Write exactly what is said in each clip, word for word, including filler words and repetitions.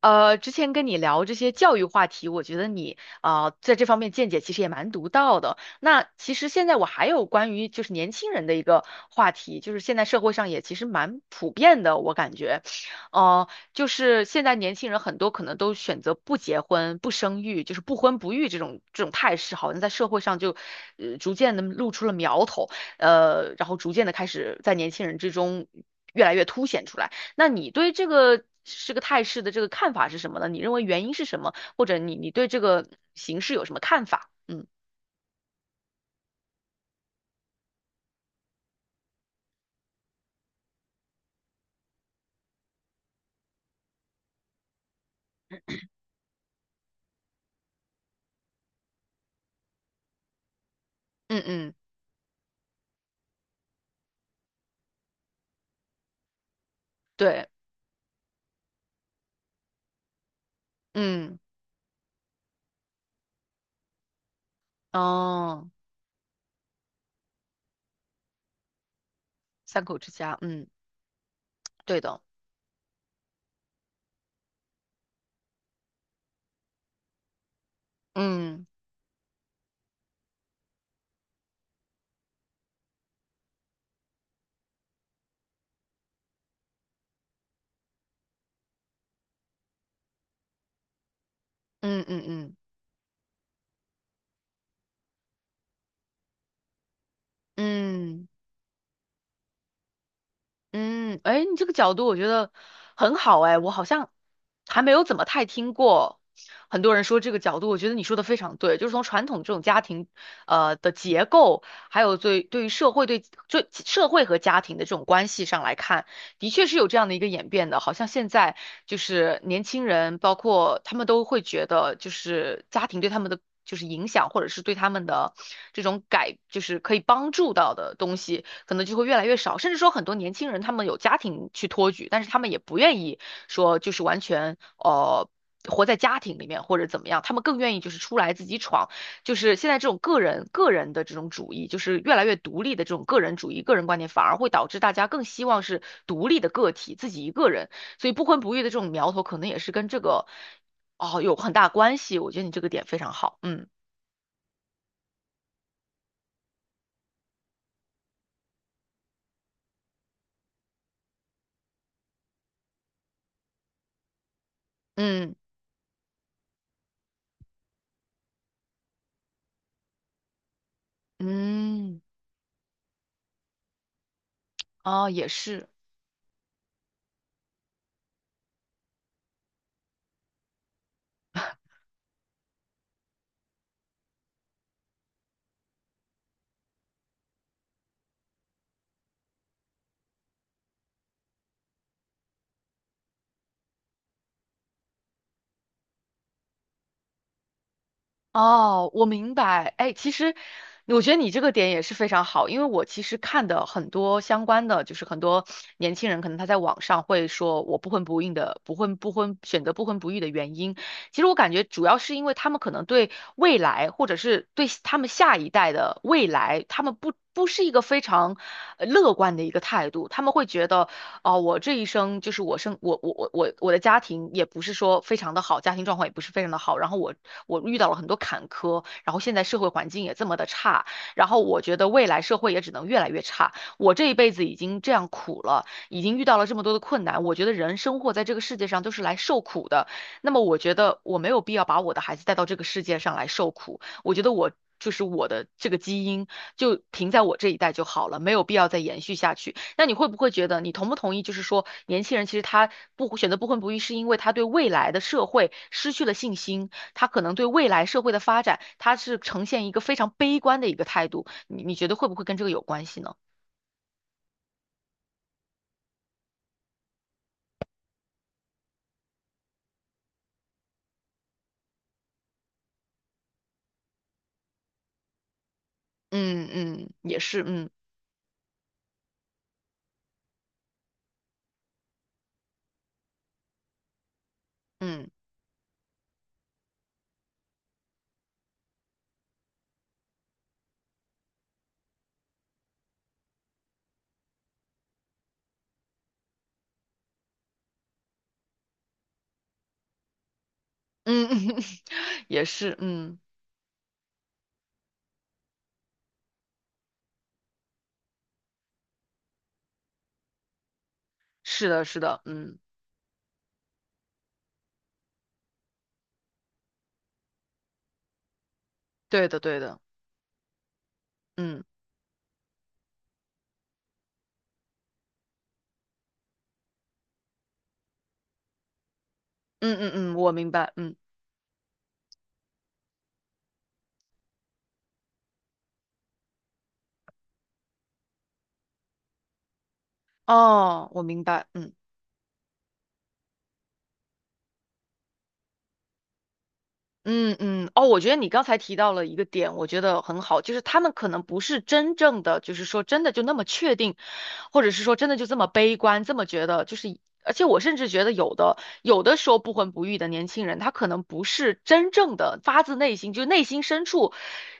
呃，之前跟你聊这些教育话题，我觉得你啊、呃在这方面见解其实也蛮独到的。那其实现在我还有关于就是年轻人的一个话题，就是现在社会上也其实蛮普遍的，我感觉，呃，就是现在年轻人很多可能都选择不结婚、不生育，就是不婚不育这种这种态势，好像在社会上就呃逐渐的露出了苗头，呃，然后逐渐的开始在年轻人之中越来越凸显出来。那你对这个是个态势的这个看法是什么呢？你认为原因是什么？或者你你对这个形势有什么看法？嗯嗯嗯，对，嗯哦，三口之家，嗯，对的，嗯嗯嗯嗯嗯。嗯嗯，哎，你这个角度我觉得很好哎，我好像还没有怎么太听过很多人说这个角度，我觉得你说的非常对，就是从传统这种家庭呃的结构，还有对对于社会对对社会和家庭的这种关系上来看，的确是有这样的一个演变的，好像现在就是年轻人，包括他们都会觉得，就是家庭对他们的就是影响，或者是对他们的这种改，就是可以帮助到的东西，可能就会越来越少。甚至说很多年轻人他们有家庭去托举，但是他们也不愿意说就是完全呃活在家庭里面或者怎么样，他们更愿意就是出来自己闯。就是现在这种个人个人的这种主义，就是越来越独立的这种个人主义、个人观点，反而会导致大家更希望是独立的个体，自己一个人。所以不婚不育的这种苗头，可能也是跟这个哦有很大关系。我觉得你这个点非常好，嗯嗯嗯，哦，也是。哦，我明白。哎，其实我觉得你这个点也是非常好，因为我其实看的很多相关的，就是很多年轻人可能他在网上会说我不婚不育的，不婚不婚选择不婚不育的原因，其实我感觉主要是因为他们可能对未来，或者是对他们下一代的未来，他们不不是一个非常呃乐观的一个态度，他们会觉得哦，我这一生就是我生我我我我我的家庭也不是说非常的好，家庭状况也不是非常的好，然后我我遇到了很多坎坷，然后现在社会环境也这么的差，然后我觉得未来社会也只能越来越差。我这一辈子已经这样苦了，已经遇到了这么多的困难，我觉得人生活在这个世界上都是来受苦的，那么我觉得我没有必要把我的孩子带到这个世界上来受苦，我觉得我。就是我的这个基因，就停在我这一代就好了，没有必要再延续下去。那你会不会觉得，你同不同意？就是说，年轻人其实他不选择不婚不育，是因为他对未来的社会失去了信心，他可能对未来社会的发展，他是呈现一个非常悲观的一个态度。你你觉得会不会跟这个有关系呢？嗯嗯，也是，嗯嗯嗯，也是，嗯，是的，是的，嗯，对的，对的，嗯嗯嗯嗯，我明白，嗯，哦，我明白，嗯。嗯嗯，哦，我觉得你刚才提到了一个点，我觉得很好，就是他们可能不是真正的，就是说真的就那么确定，或者是说真的就这么悲观，这么觉得，就是，而且我甚至觉得有的有的时候不婚不育的年轻人，他可能不是真正的发自内心，就内心深处，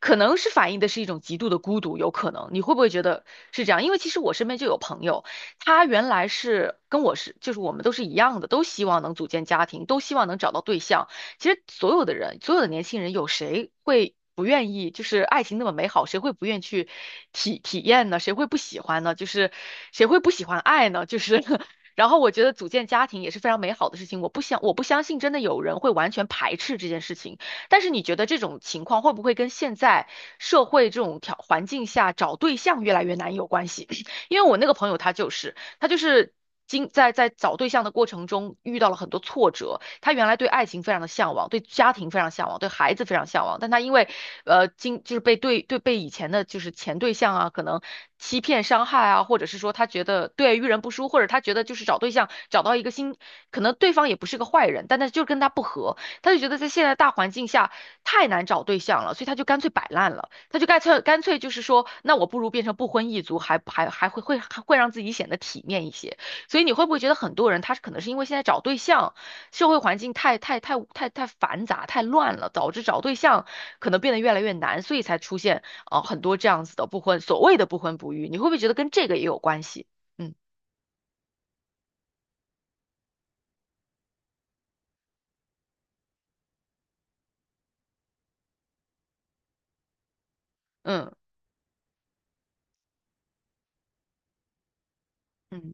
可能是反映的是一种极度的孤独，有可能，你会不会觉得是这样？因为其实我身边就有朋友，他原来是跟我是，就是我们都是一样的，都希望能组建家庭，都希望能找到对象。其实所有的人，所有的年轻人，有谁会不愿意？就是爱情那么美好，谁会不愿意去体体验呢？谁会不喜欢呢？就是谁会不喜欢爱呢？就是 然后我觉得组建家庭也是非常美好的事情。我不相我不相信真的有人会完全排斥这件事情。但是你觉得这种情况会不会跟现在社会这种条环境下找对象越来越难有关系？因为我那个朋友他就是他就是。经在在找对象的过程中遇到了很多挫折，他原来对爱情非常的向往，对家庭非常向往，对孩子非常向往，但他因为呃经就是被对对被以前的就是前对象啊，可能欺骗伤害啊，或者是说他觉得对遇人不淑，或者他觉得就是找对象找到一个新，可能对方也不是个坏人，但他就是跟他不合，他就觉得在现在大环境下太难找对象了，所以他就干脆摆烂了，他就干脆干脆就是说，那我不如变成不婚一族，还还还会会还会让自己显得体面一些。所以你会不会觉得很多人他可能是因为现在找对象，社会环境太太太太太繁杂、太乱了，导致找对象可能变得越来越难，所以才出现啊、呃很多这样子的不婚，所谓的不婚不育，你会不会觉得跟这个也有关系？嗯嗯嗯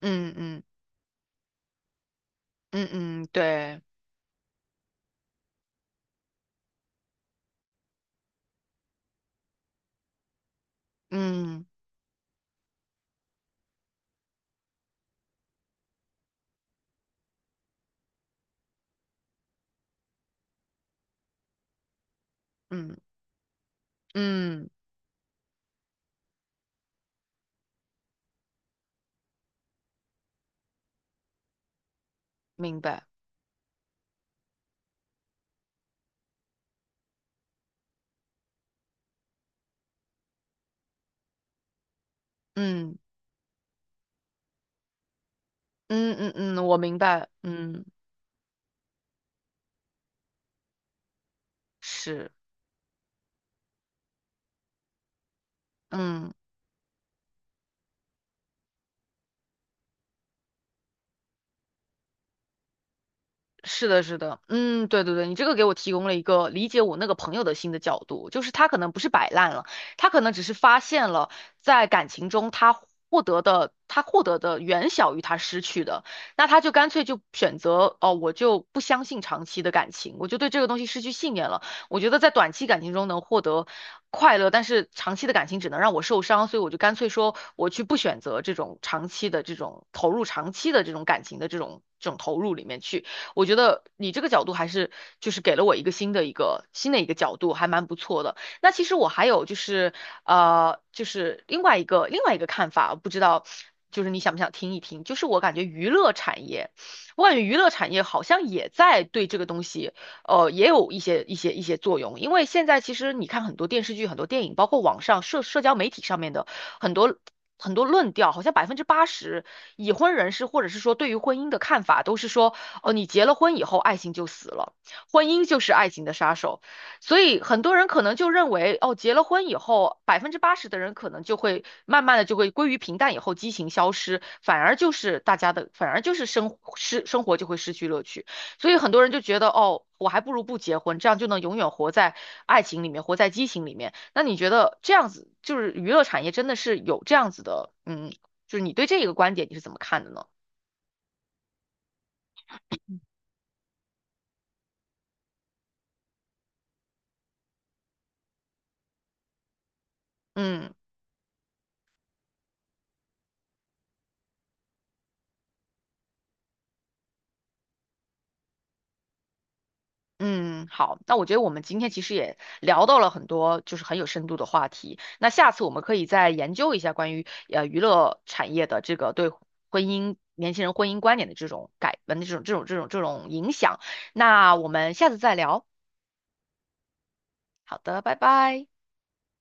嗯嗯嗯嗯，对，嗯嗯嗯，明白，嗯嗯嗯嗯，我明白，嗯是，嗯。是的，是的，嗯，对对对，你这个给我提供了一个理解我那个朋友的新的角度，就是他可能不是摆烂了，他可能只是发现了在感情中他获得的他获得的远小于他失去的，那他就干脆就选择哦，我就不相信长期的感情，我就对这个东西失去信念了。我觉得在短期感情中能获得快乐，但是长期的感情只能让我受伤，所以我就干脆说我去不选择这种长期的这种投入长期的这种感情的这种这种投入里面去。我觉得你这个角度还是就是给了我一个新的一个新的一个角度，还蛮不错的。那其实我还有就是呃，就是另外一个另外一个看法，不知道就是你想不想听一听？就是我感觉娱乐产业，我感觉娱乐产业好像也在对这个东西。呃，也有一些一些一些作用。因为现在其实你看很多电视剧、很多电影，包括网上社社交媒体上面的很多很多论调，好像百分之八十已婚人士或者是说对于婚姻的看法都是说，哦，你结了婚以后，爱情就死了，婚姻就是爱情的杀手。所以很多人可能就认为，哦，结了婚以后，百分之八十的人可能就会慢慢的就会归于平淡，以后激情消失，反而就是大家的，反而就是生失生活就会失去乐趣。所以很多人就觉得，哦，我还不如不结婚，这样就能永远活在爱情里面，活在激情里面。那你觉得这样子，就是娱乐产业真的是有这样子的，嗯，就是你对这个观点你是怎么看的呢？嗯嗯，好，那我觉得我们今天其实也聊到了很多就是很有深度的话题。那下次我们可以再研究一下关于呃娱乐产业的这个对婚姻年轻人婚姻观点的这种改，的这种这种这种这种影响。那我们下次再聊。好的，拜拜。